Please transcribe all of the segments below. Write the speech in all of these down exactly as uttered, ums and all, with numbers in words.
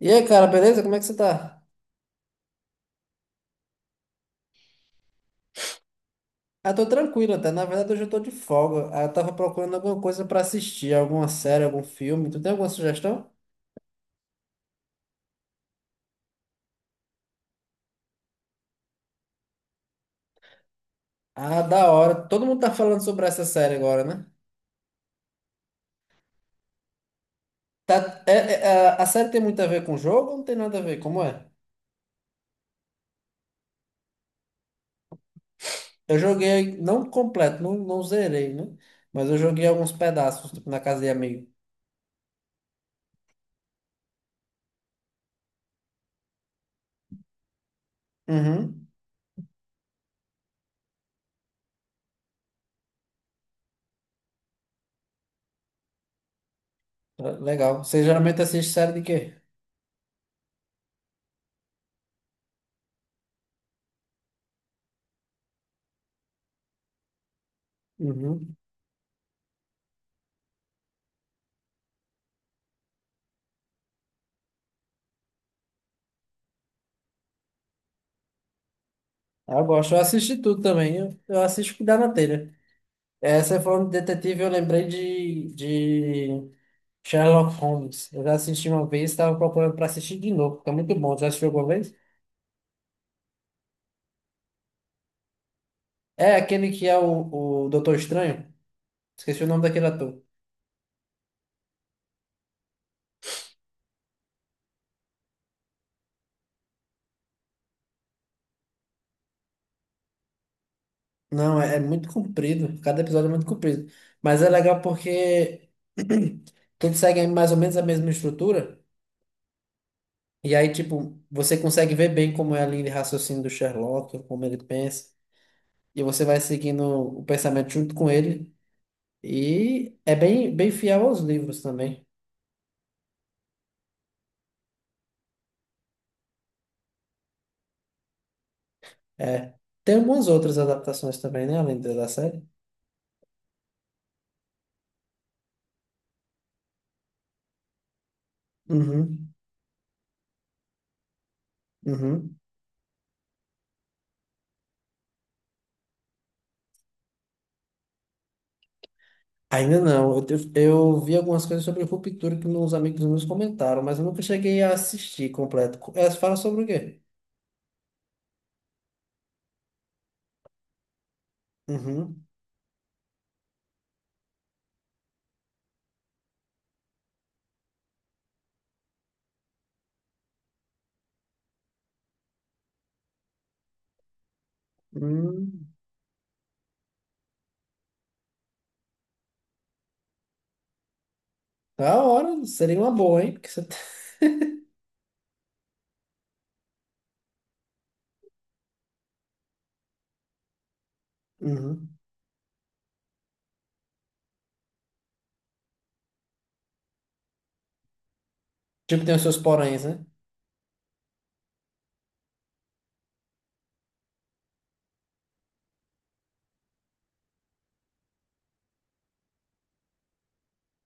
E aí, cara, beleza? Como é que você tá? Ah, tô tranquilo até. Na verdade, hoje eu tô de folga. Ah, eu tava procurando alguma coisa pra assistir, alguma série, algum filme. Tu tem alguma sugestão? Ah, da hora. Todo mundo tá falando sobre essa série agora, né? Tá, é, é, a a série tem muito a ver com o jogo ou não tem nada a ver? Como é? Eu joguei, não completo, não, não zerei, né? Mas eu joguei alguns pedaços, tipo, na casa de amigo. Uhum. Legal. Você geralmente assiste série de quê? Uhum. Ah, eu gosto. Eu assisti tudo também. Eu, eu assisto o que dá na telha. Essa forma de detetive eu lembrei de, de Sherlock Holmes. Eu já assisti uma vez, estava procurando para assistir de novo, porque é muito bom. Já assistiu alguma vez? É aquele que é o, o Doutor Estranho? Esqueci o nome daquele ator. Não, é, é muito comprido. Cada episódio é muito comprido. Mas é legal porque todos seguem mais ou menos a mesma estrutura. E aí, tipo, você consegue ver bem como é a linha de raciocínio do Sherlock, como ele pensa. E você vai seguindo o pensamento junto com ele. E é bem, bem fiel aos livros também. É. Tem algumas outras adaptações também, né? Além da da série. Uhum, uhum. Ainda não. Eu, te- eu vi algumas coisas sobre Ruptura que meus amigos meus comentaram, mas eu nunca cheguei a assistir completo. Co- Elas falam sobre o quê? Uhum. Hum. Da hora. Seria uma boa, hein? Porque você... tá- Uhum. Tipo, tem os seus poréns, né?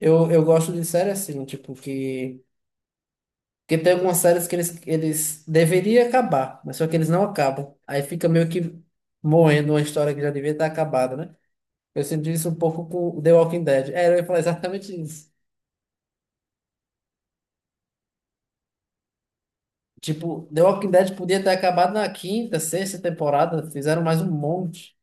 Eu, eu gosto de série assim, tipo, que porque tem algumas séries que eles, eles deveriam acabar, mas só que eles não acabam. Aí fica meio que morrendo uma história que já devia estar acabada, né? Eu senti isso um pouco com The Walking Dead. É, eu ia falar exatamente isso. Tipo, The Walking Dead podia ter acabado na quinta, sexta temporada, fizeram mais um monte.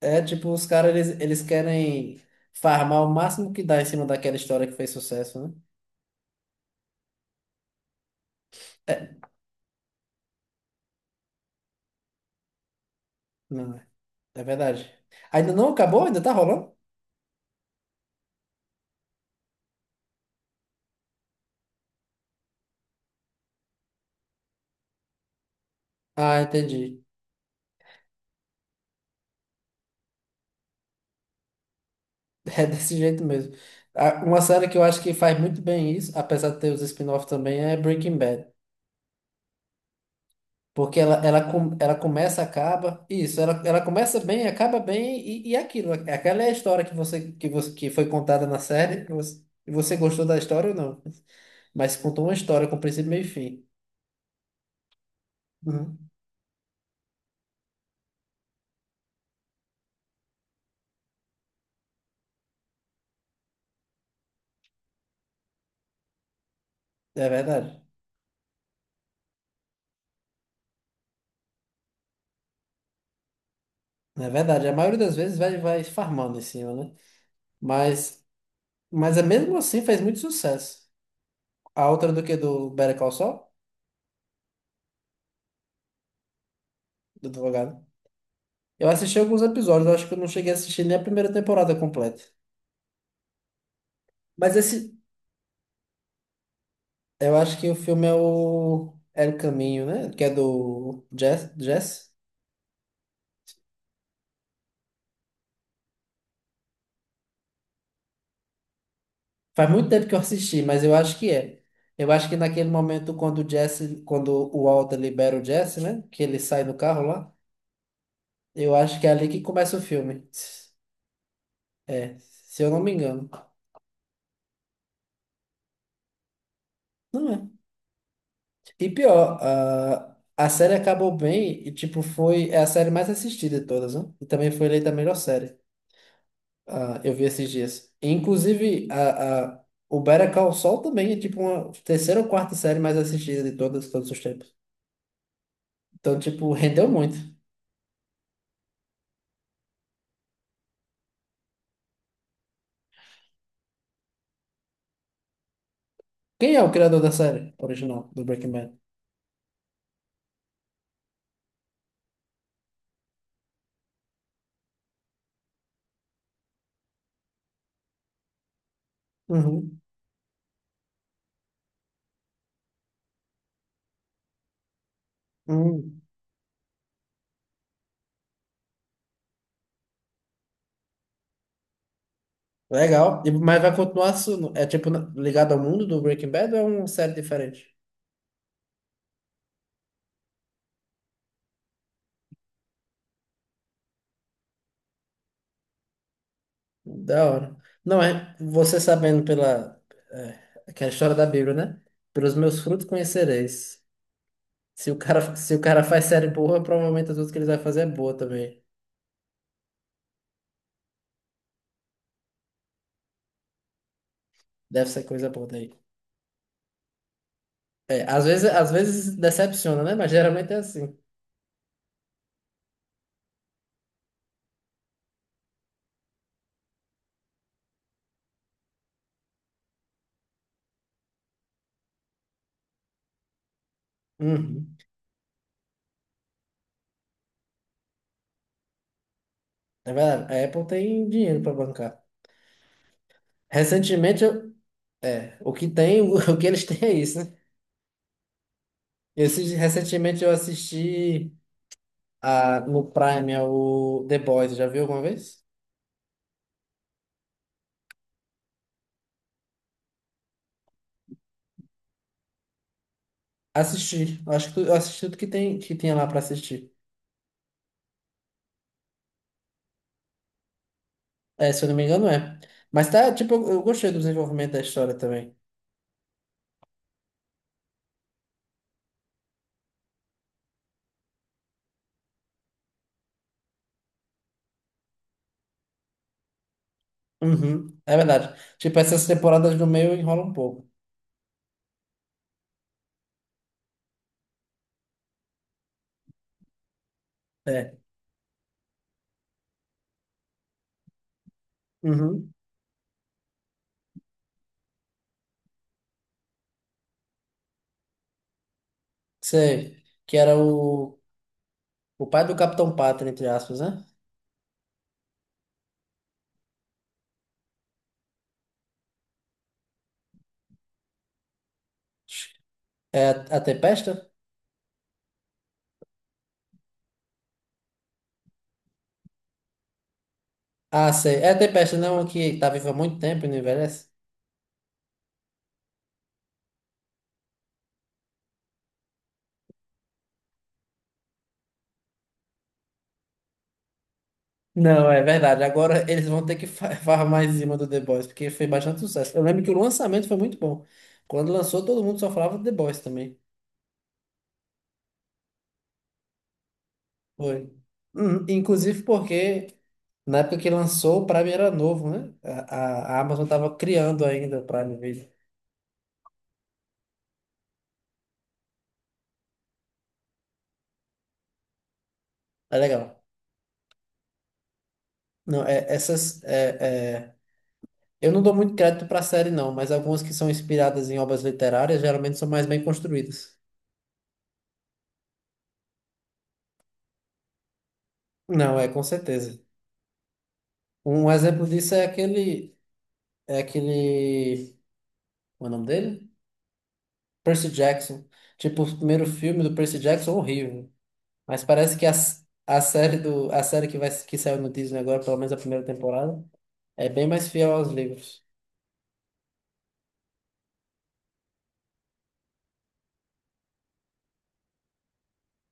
É, tipo, os caras, eles, eles querem farmar o máximo que dá em cima daquela história que fez sucesso, né? Não, é não, é verdade. Ainda não acabou? Ainda tá rolando? Ah, entendi. É desse jeito mesmo. A- Uma série que eu acho que faz muito bem isso, apesar de ter os spin-off também, é Breaking Bad. Porque ela, ela, com- ela começa, acaba. Isso, ela, ela começa bem, acaba bem, e, e aquilo. Aquela é a história que você, que você que foi contada na série. E você, e você gostou da história ou não? Mas contou uma história com princípio, meio e fim. Uhum. É verdade. É verdade. A maioria das vezes vai, vai farmando em cima, né? Mas, mas é mesmo assim fez muito sucesso. A outra do que do Better Call Saul, do advogado. Eu assisti alguns episódios, eu acho que eu não cheguei a assistir nem a primeira temporada completa. Mas esse, eu acho que o filme é o é o Caminho, né? Que é do Jess, Jess. Faz muito tempo que eu assisti, mas eu acho que é. Eu acho que naquele momento quando o Jess, quando o Walter libera o Jesse, né? Que ele sai do carro lá, eu acho que é ali que começa o filme. É, se eu não me engano. Não é. E pior, a a série acabou bem e, tipo, foi é a série mais assistida de todas, né? E também foi eleita a melhor série. Ah, eu vi esses dias. Inclusive, a, a, o Better Call Saul também é tipo uma terceira ou quarta série mais assistida de todas, todos os tempos. Então, tipo, rendeu muito. Quem é o criador da série original do Breaking Bad? Uhum. Hum. Legal. E, mas vai continuar su- é tipo na- ligado ao mundo do Breaking Bad ou é uma série diferente? Da hora. Não é, você sabendo pela é, aquela história da Bíblia, né? Pelos meus frutos conhecereis. Se o cara, se o cara faz série boa, provavelmente as outras que ele vai fazer é boa também. Deve ser coisa boa daí. É, às vezes, às vezes decepciona, né? Mas geralmente é assim. Uhum. É verdade. A Apple tem dinheiro para bancar. Recentemente, eu, é, o que tem, o que eles têm é isso, né? Eu assisti- recentemente eu assisti a, no Prime é o The Boys, já viu alguma vez? Assisti. Acho que tu- eu assisti tudo que tem, que tinha lá para assistir. É, se eu não me engano, é. Mas tá, tipo, eu, eu gostei do desenvolvimento da história também. Uhum, é verdade. Tipo, essas temporadas do meio enrola um pouco. É. Uhum. Sei. Que era o, o pai do Capitão Pátria, entre aspas, né? É a, a Tempesta? Ah, sei. É a Tempesta, não, que tá viva há muito tempo e não envelhece? Não, é verdade. Agora eles vão ter que fa- farmar em cima do The Boys, porque foi bastante sucesso. Eu lembro que o lançamento foi muito bom. Quando lançou, todo mundo só falava do The Boys também. Foi. Hum, Inclusive porque na época que lançou, o Prime era novo, né? A, a- a Amazon tava criando ainda o Prime Video. É legal. Não, é, essas. É, é, eu não dou muito crédito para a série, não, mas algumas que são inspiradas em obras literárias geralmente são mais bem construídas. Não, é, com certeza. Um exemplo disso é aquele. É aquele. Como é o nome dele? Percy Jackson. Tipo, o primeiro filme do Percy Jackson, horrível. Mas parece que a, s- a série do a série que vai que saiu no Disney agora, pelo menos a primeira temporada, é bem mais fiel aos livros.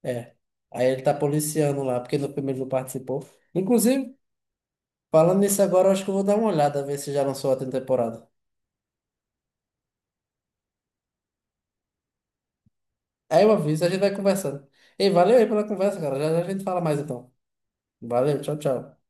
É. Aí ele tá policiando lá, porque no primeiro não participou. Inclusive, falando nisso agora, eu acho que eu vou dar uma olhada, ver se já lançou a temporada. Aí eu aviso, a gente vai conversando. Ei, valeu aí pela conversa, cara. Já, já a gente fala mais então. Valeu, tchau, tchau.